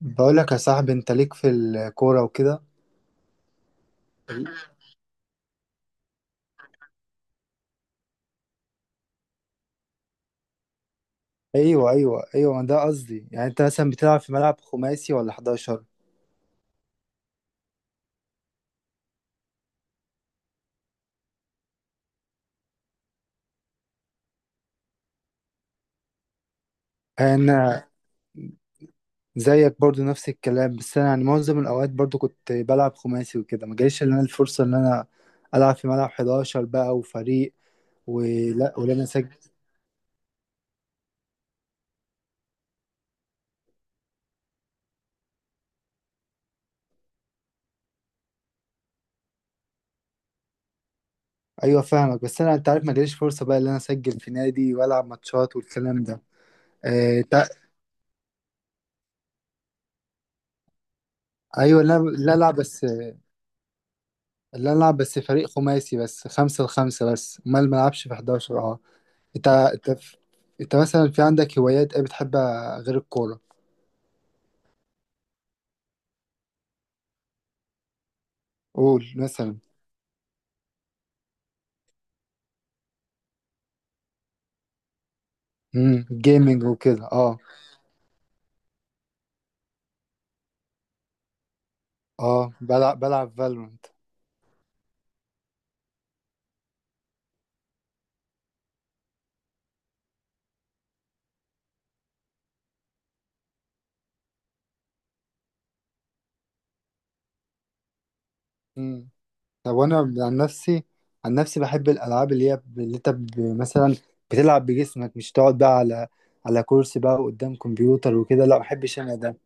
بقول لك يا صاحبي، انت ليك في الكوره وكده. ايوه، ايوه، ايوه، ده قصدي. يعني انت مثلا بتلعب في ملعب خماسي ولا 11؟ انا زيك برضو نفس الكلام. بس انا يعني معظم الاوقات برضو كنت بلعب خماسي وكده، ما جاليش اللي انا الفرصه ان انا العب في ملعب 11 بقى وفريق. ولا انا اسجل. ايوه، فاهمك. بس انا انت عارف، ما جاليش فرصه بقى ان انا اسجل في نادي والعب ماتشات والكلام ده. آه، تع- ايوه، لا، لا، العب بس. اللي أنا ألعب بس فريق خماسي، بس خمسة لخمسة، بس أمال ما ألعبش في 11؟ أه. أنت أنت أنت مثلا في عندك هوايات إيه بتحبها غير الكورة؟ قول مثلا. جيمنج وكده، أه. أه، بلعب فالورنت. امم. طب وأنا عن نفسي عن نفسي بحب الألعاب، مثلا بتلعب بجسمك، مش تقعد بقى على كرسي بقى قدام كمبيوتر وكده. لا، ما بحبش أنا ده.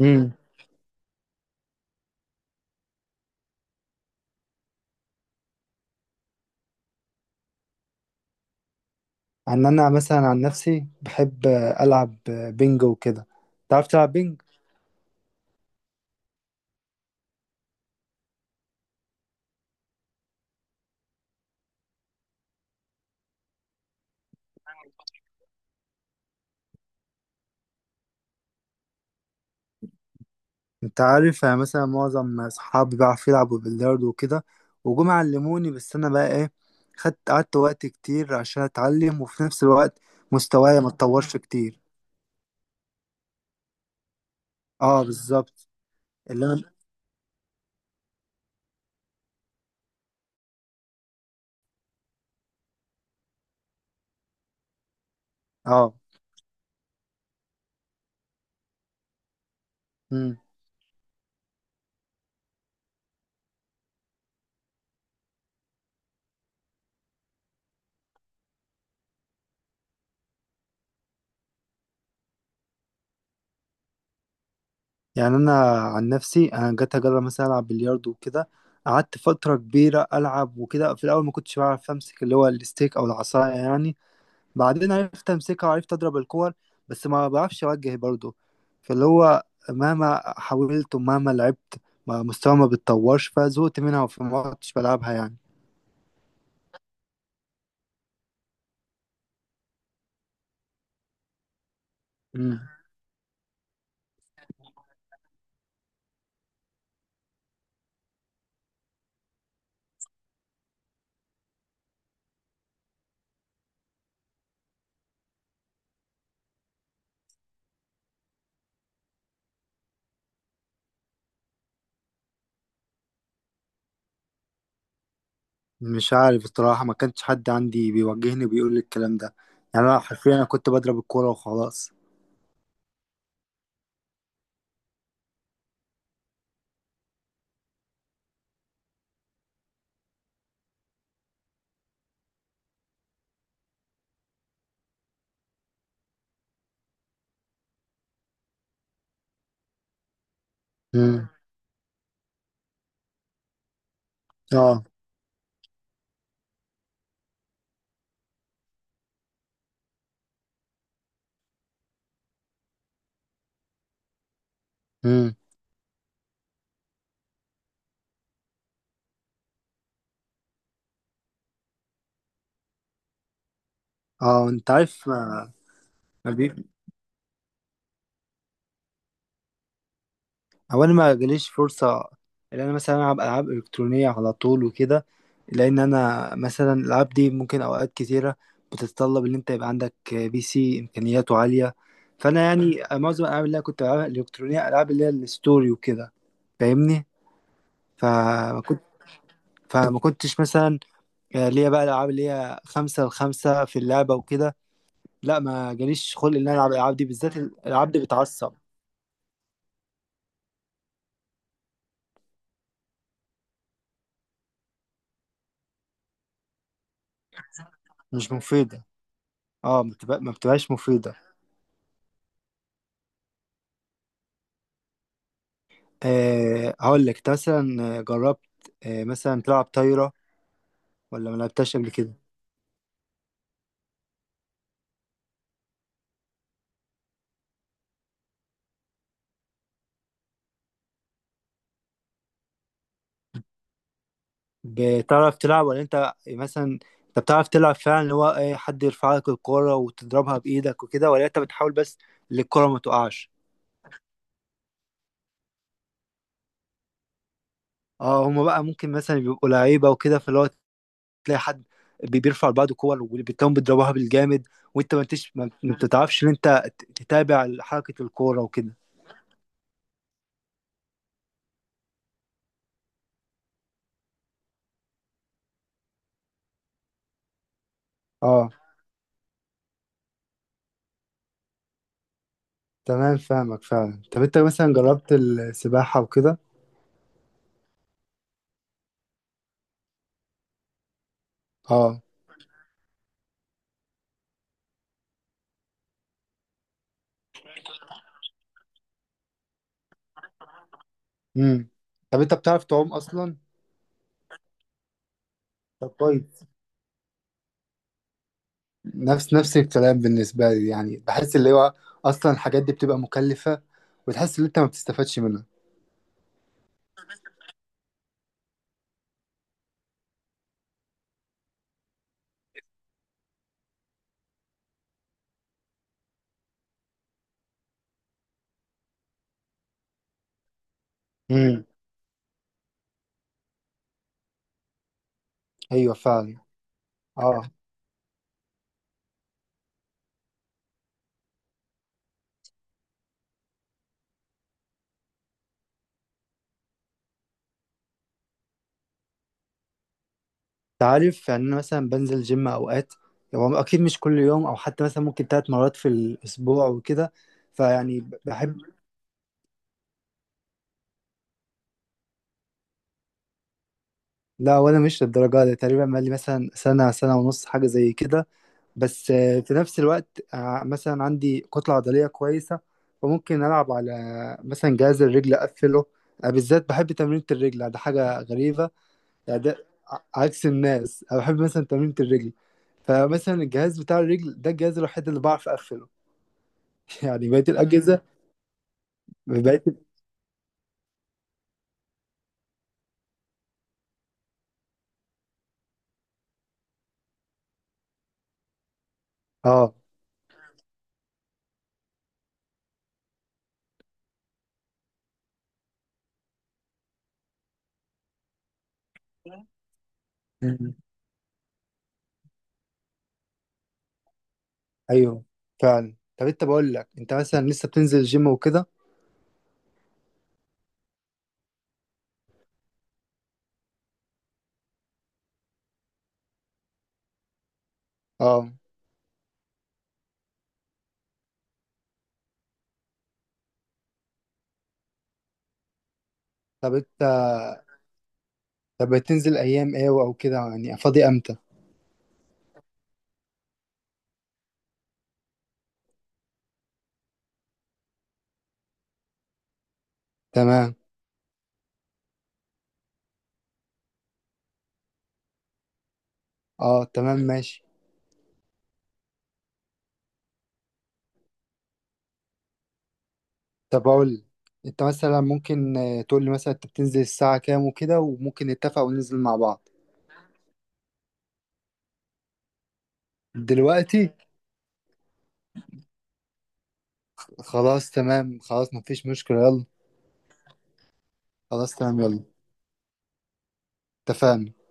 امم. عن أنا مثلا عن نفسي بحب ألعب بينجو وكده. تعرف تلعب بينج؟ انت عارف، يعني مثلا معظم اصحابي بيعرفوا يلعبوا بلياردو وكده، وجم علموني. بس انا بقى ايه، خدت قعدت وقت كتير عشان اتعلم، وفي نفس الوقت مستواي ما اتطورش كتير. اه، بالظبط. اللي انا اه امم يعني انا عن نفسي، انا جيت اجرب مثلا العب بلياردو وكده. قعدت فترة كبيرة العب وكده. في الاول ما كنتش بعرف امسك اللي هو الستيك او العصاية يعني. بعدين عرفت امسكها وعرفت اضرب الكور. بس ما بعرفش اوجه برضه. فاللي هو مهما حاولت ومهما لعبت، ما مستواي ما بيتطورش، فزهقت منها فما كنتش بلعبها يعني. مم. مش عارف الصراحة، ما كانش حد عندي بيوجهني وبيقول لي الكلام ده. يعني انا حرفيا انا كنت بضرب الكورة وخلاص. مم. اه. مم. اه، انت عارف ما، هو انا ما جاليش فرصه ان انا مثلا العب العاب الكترونيه على طول وكده. لان انا مثلا الالعاب دي ممكن اوقات كتيره بتتطلب ان انت يبقى عندك PC امكانياته عاليه. فانا يعني معظم الالعاب اللي انا كنت بلعبها الالكترونيه، العاب اللي هي الستوري وكده، فاهمني. فما كنت فما كنتش مثلا ليا بقى الالعاب اللي هي خمسة لخمسة في اللعبة وكده. لا، ما جاليش خلق ان انا العب الالعاب دي، بالذات الالعاب دي بتعصب. مش مفيدة. اه، ما بتبقاش مفيدة. أه، هقول لك، انت مثلا جربت مثلا تلعب طايرة ولا ما لعبتهاش قبل كده؟ بتعرف تلعب ولا انت مثلا، انت بتعرف تلعب فعلا اللي هو ايه، حد يرفع لك الكورة وتضربها بإيدك وكده، ولا انت بتحاول بس اللي الكورة ما تقعش؟ اه، هما بقى ممكن مثلا بيبقوا لعيبة وكده، فاللي هو تلاقي حد بيرفع لبعضه كور وبتلاقيهم بيضربوها بالجامد، وانت ما انتش ما بتتعرفش ان انت تتابع حركة الكورة وكده. اه، تمام، فاهمك فعلا. طب انت مثلا جربت السباحة وكده؟ اه. امم. طب انت بتعرف تعوم اصلا؟ طب كويس. نفس الكلام بالنسبه لي، يعني بحس اللي هو اصلا الحاجات دي بتبقى مكلفه، وتحس ان انت ما بتستفادش منها. امم. ايوه، فعلا. اه، انت عارف، يعني انا مثلا بنزل جيم اوقات. هو اكيد مش كل يوم، او حتى مثلا ممكن 3 مرات في الاسبوع وكده، فيعني بحب. لا، ولا مش للدرجه دي تقريبا. بقالي مثلا سنه، سنه ونص، حاجه زي كده. بس في نفس الوقت مثلا عندي كتلة عضلية كويسة، فممكن ألعب على مثلا جهاز الرجل أقفله. بالذات بحب تمرينة الرجل، ده حاجة غريبة. يعني ده عكس الناس، أنا بحب مثلا تمرينة الرجل. فمثلا الجهاز بتاع الرجل ده الجهاز الوحيد اللي بعرف أقفله. يعني بقية الأجهزة، بقية ال- آه. مم. أيوه، فعلا. طب أنت، بقول لك، أنت مثلا لسه بتنزل الجيم وكده؟ آه. طب أنت طب بتنزل أيام إيه أو كده يعني، فاضي أمتى؟ تمام. اه، تمام، ماشي. طب اقول لك، انت مثلا ممكن تقول لي مثلا انت بتنزل الساعة كام وكده، وممكن نتفق وننزل مع بعض؟ دلوقتي؟ خلاص، تمام، خلاص، مفيش مشكلة، يلا. خلاص، تمام، يلا. اتفقنا.